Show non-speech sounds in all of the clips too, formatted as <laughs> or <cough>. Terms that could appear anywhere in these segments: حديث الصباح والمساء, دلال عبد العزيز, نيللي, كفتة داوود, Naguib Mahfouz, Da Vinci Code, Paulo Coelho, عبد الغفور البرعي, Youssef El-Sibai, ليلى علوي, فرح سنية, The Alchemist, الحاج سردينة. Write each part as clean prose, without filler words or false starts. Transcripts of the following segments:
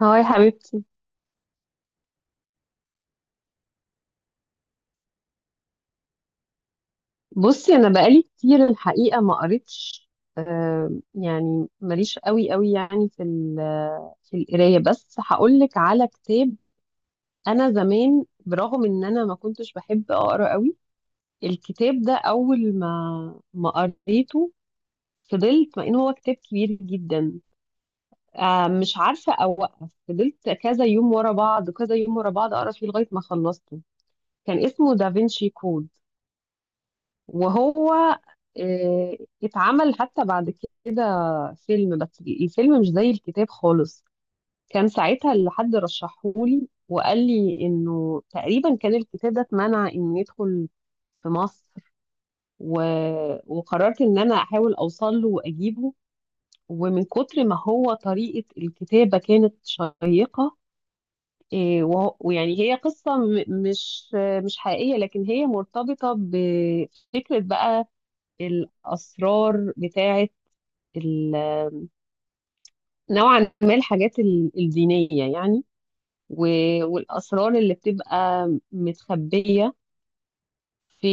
هاي حبيبتي. بصي انا بقالي كتير الحقيقه ما قريتش. يعني ماليش قوي قوي، يعني في القرايه، بس هقول لك على كتاب. انا زمان برغم ان انا ما كنتش بحب اقرا قوي، الكتاب ده اول ما قريته فضلت، مع ان هو كتاب كبير جدا. مش عارفه اوقف، فضلت كذا يوم ورا بعض كذا يوم ورا بعض اقرا فيه لغايه ما خلصته. كان اسمه دافنشي كود. وهو آه، اتعمل حتى بعد كده فيلم، بس الفيلم مش زي الكتاب خالص. كان ساعتها اللي حد رشحهولي وقال لي انه تقريبا كان الكتاب ده اتمنع ان يدخل في مصر. و... وقررت ان انا احاول اوصل له واجيبه. ومن كتر ما هو، طريقة الكتابة كانت شيقة. إيه، ويعني هي قصة مش حقيقية، لكن هي مرتبطة بفكرة بقى. الأسرار بتاعة ال- نوعا ما الحاجات الدينية يعني. والأسرار اللي بتبقى متخبية في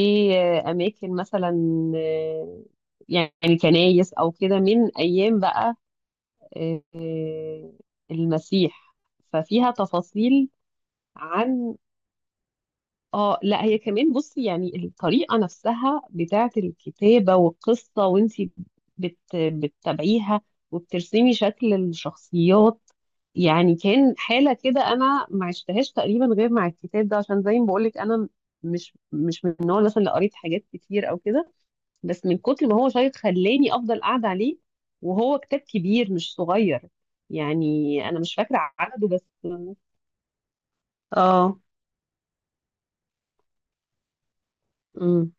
أماكن مثلا، آه، يعني كنايس أو كده، من أيام بقى آه، المسيح. ففيها تفاصيل عن... اه، لا هي كمان، بصي يعني الطريقة نفسها بتاعت الكتابة والقصة، وانتي بتتابعيها وبترسمي شكل الشخصيات. يعني كان حالة كده انا ما عشتهاش تقريبا غير مع الكتاب ده، عشان زي ما بقولك انا مش من النوع مثلا اللي قريت حاجات كتير او كده. بس من كتر ما هو شيق خلاني افضل قاعدة عليه. وهو كتاب كبير مش صغير يعني. انا مش فاكرة عدده، بس... اه. امم.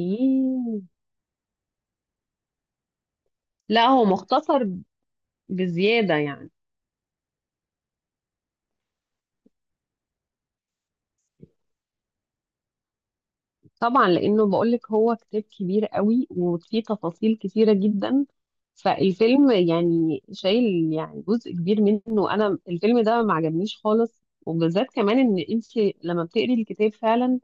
ايه. لا هو مختصر بزيادة يعني. طبعا لأنه بقولك هو كتاب كبير قوي وفيه تفاصيل كتيرة جدا. فالفيلم يعني شايل يعني جزء كبير منه. أنا الفيلم ده ما عجبنيش خالص، وبالذات كمان إن أنت لما بتقري الكتاب فعلا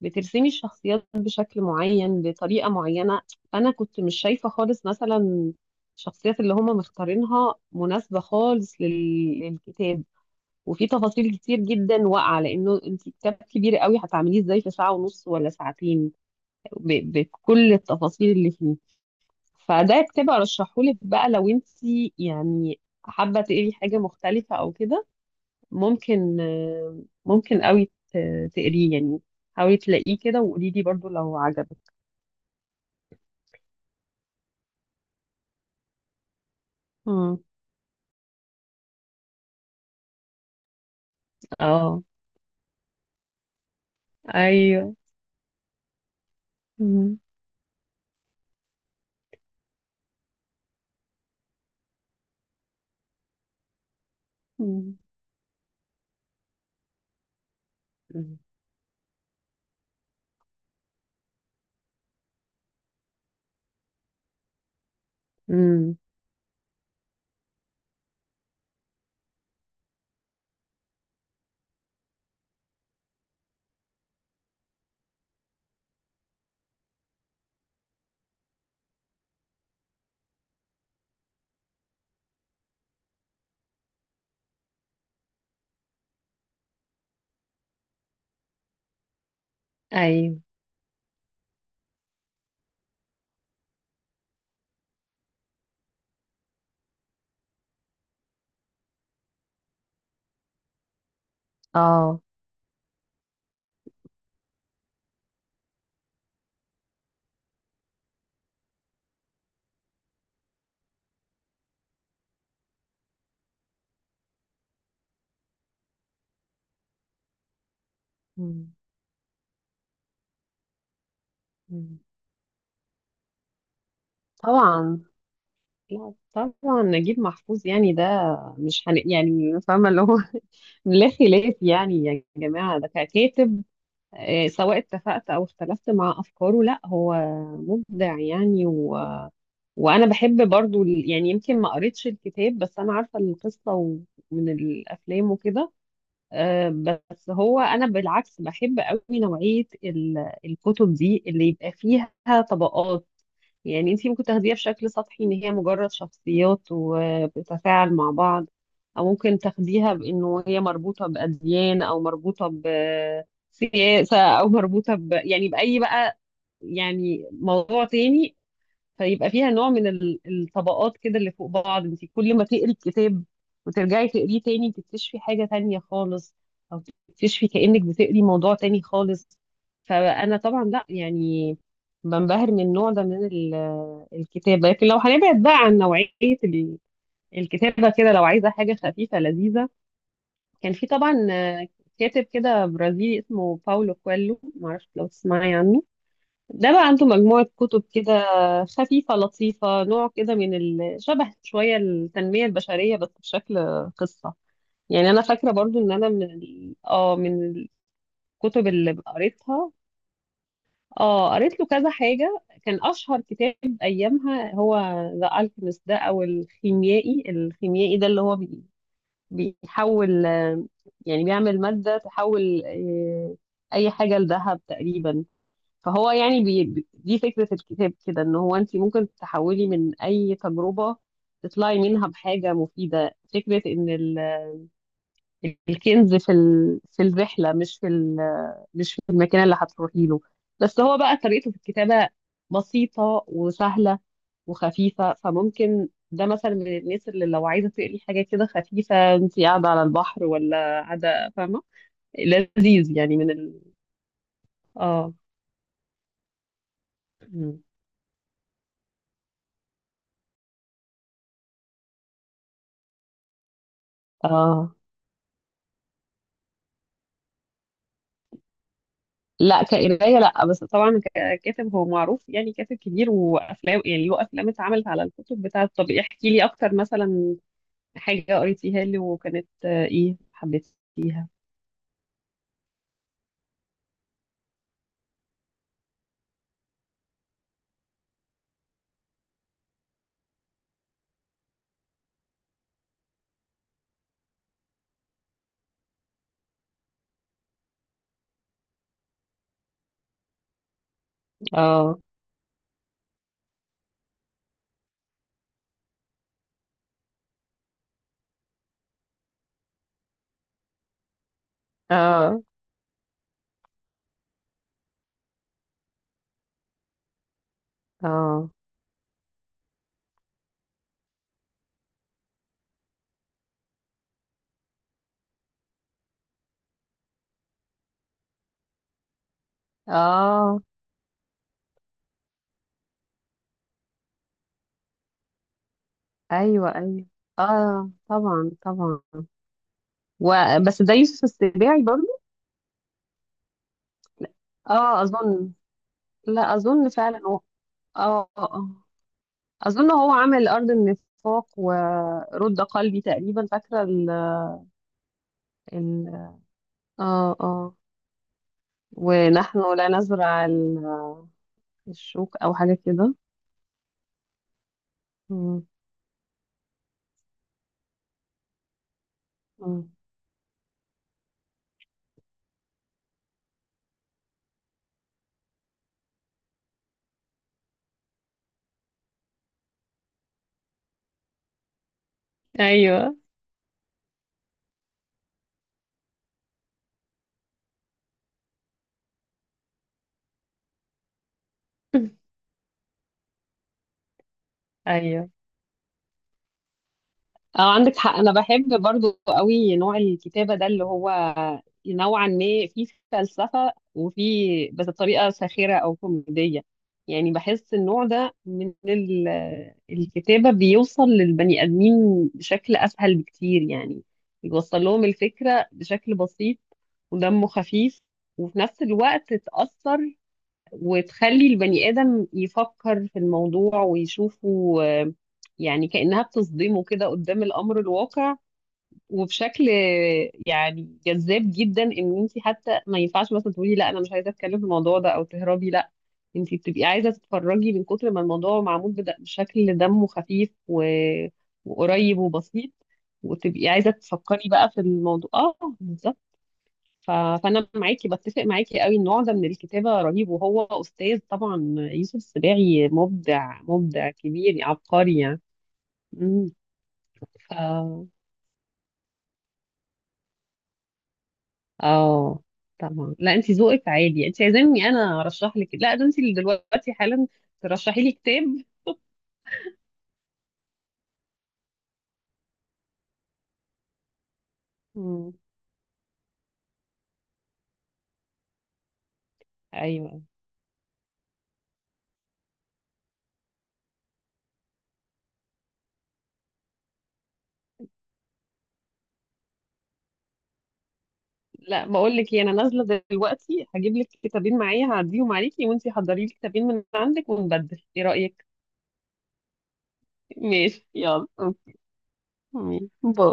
بترسمي الشخصيات بشكل معين بطريقة معينة. فأنا كنت مش شايفة خالص مثلا الشخصيات اللي هما مختارينها مناسبة خالص للكتاب. وفي تفاصيل كتير جدا واقعه، لانه انت كتاب كبير قوي هتعمليه ازاي في ساعه ونص ولا ساعتين بكل التفاصيل اللي فيه؟ فده كتاب ارشحهولك بقى لو انت يعني حابه تقري حاجه مختلفه او كده. ممكن ممكن قوي تقريه يعني. حاولي تلاقيه كده وقولي لي برضو لو عجبك. مم. اه. ايوه. مم. مم. مم. ايوه. اه. مم. مم. طبعا. لا طبعا نجيب محفوظ يعني ده مش هن... يعني فاهمة اللي هو <laughs> لا خلاف، يعني يا جماعة ده ككاتب، سواء اتفقت أو اختلفت مع أفكاره، لا هو مبدع يعني. وأنا بحب برضو يعني يمكن ما قريتش الكتاب، بس أنا عارفة القصة من الأفلام وكده. آه، بس هو انا بالعكس بحب قوي نوعيه الكتب دي اللي يبقى فيها طبقات. يعني انتي ممكن تاخديها بشكل سطحي ان هي مجرد شخصيات وبتتفاعل مع بعض، او ممكن تاخديها بانه هي مربوطه باديان او مربوطه بسياسه او مربوطه يعني باي بقى، يعني موضوع تاني. فيبقى فيها نوع من الطبقات كده اللي فوق بعض. انت كل ما تقري الكتاب وترجعي تقريه تاني تكتشفي حاجة تانية خالص، او تكتشفي كأنك بتقري موضوع تاني خالص. فانا طبعا لا يعني بنبهر من النوع ده من الكتابة. لكن لو هنبعد بقى عن نوعية ال- الكتابة كده، لو عايزة حاجة خفيفة لذيذة، كان في طبعا كاتب كده برازيلي اسمه باولو كويلو، معرفش لو تسمعي عنه. ده بقى عنده مجموعة كتب كده خفيفة لطيفة، نوع كده من ال... شبه شوية التنمية البشرية بس بشكل قصة. يعني أنا فاكرة برضو إن أنا من الكتب اللي قريتها، آه، قريت له كذا حاجة. كان أشهر كتاب أيامها هو ذا ألكيميست ده، أو الخيميائي ده اللي هو بيحول، يعني بيعمل مادة تحول أي حاجة لذهب تقريبا. فهو يعني دي فكرة الكتاب كده ان هو انت ممكن تحولي من اي تجربة تطلعي منها بحاجة مفيدة. فكرة ان ال... الكنز في ال... في الرحلة، مش في المكان اللي هتروحي له. بس هو بقى طريقته في الكتابة بسيطة وسهلة وخفيفة. فممكن ده مثلا من الناس اللي لو عايزة تقري حاجة كده خفيفة، انت قاعدة على البحر ولا قاعدة، فاهمة. لذيذ يعني اه. مم. اه، لا كقراية لا، بس طبعا ككاتب هو معروف، يعني كاتب كبير، وافلام يعني له افلام اتعملت على الكتب بتاعته. طب احكي لي اكتر مثلا حاجة قريتيها لي وكانت ايه، حبيتيها. اه. اه. اه. اه. ايوه. ايوه. اه طبعا طبعا. وبس ده يوسف السباعي برضه. اه اظن. لا اظن فعلا هو. اه. اه. آه. اظن هو عمل ارض النفاق ورد قلبي تقريبا، فاكره. اه. اه. ونحن لا نزرع الشوك او حاجة كده. مم. مم. ايوه. <laughs> ايوه. اه عندك حق، انا بحب برضو قوي نوع الكتابة ده اللي هو نوعا ما فيه فلسفة وفيه، بس بطريقة ساخرة او كوميدية. يعني بحس النوع ده من الكتابة بيوصل للبني ادمين بشكل اسهل بكتير، يعني بيوصل لهم الفكرة بشكل بسيط ودمه خفيف، وفي نفس الوقت تأثر وتخلي البني آدم يفكر في الموضوع ويشوفه. يعني كأنها بتصدمه كده قدام الأمر الواقع. وبشكل يعني جذاب جدا، إن أنت حتى ما ينفعش مثلا تقولي لا أنا مش عايزة أتكلم في الموضوع ده أو تهربي. لا، أنت بتبقي عايزة تتفرجي من كتر ما الموضوع معمول بشكل دمه خفيف وقريب وبسيط. وتبقي عايزة تفكري بقى في الموضوع، اه بالظبط. ف- فانا معاكي، بتفق معاكي قوي، النوع ده من الكتابه رهيب، وهو استاذ طبعا يوسف السباعي، مبدع، مبدع كبير، عبقري يعني. مم. ف اه طبعا. لا انت ذوقك عادي، انت عايزاني انا ارشح لك؟ لا ده انت اللي دلوقتي حالا ترشحي لي كتاب. مم. ايوه. لا بقول لك إيه، انا نازله دلوقتي هجيب لك كتابين معايا، هعديهم عليكي، وانت حضري لي كتابين من عندك ونبدل، ايه رايك؟ ماشي يلا أوكي. باي.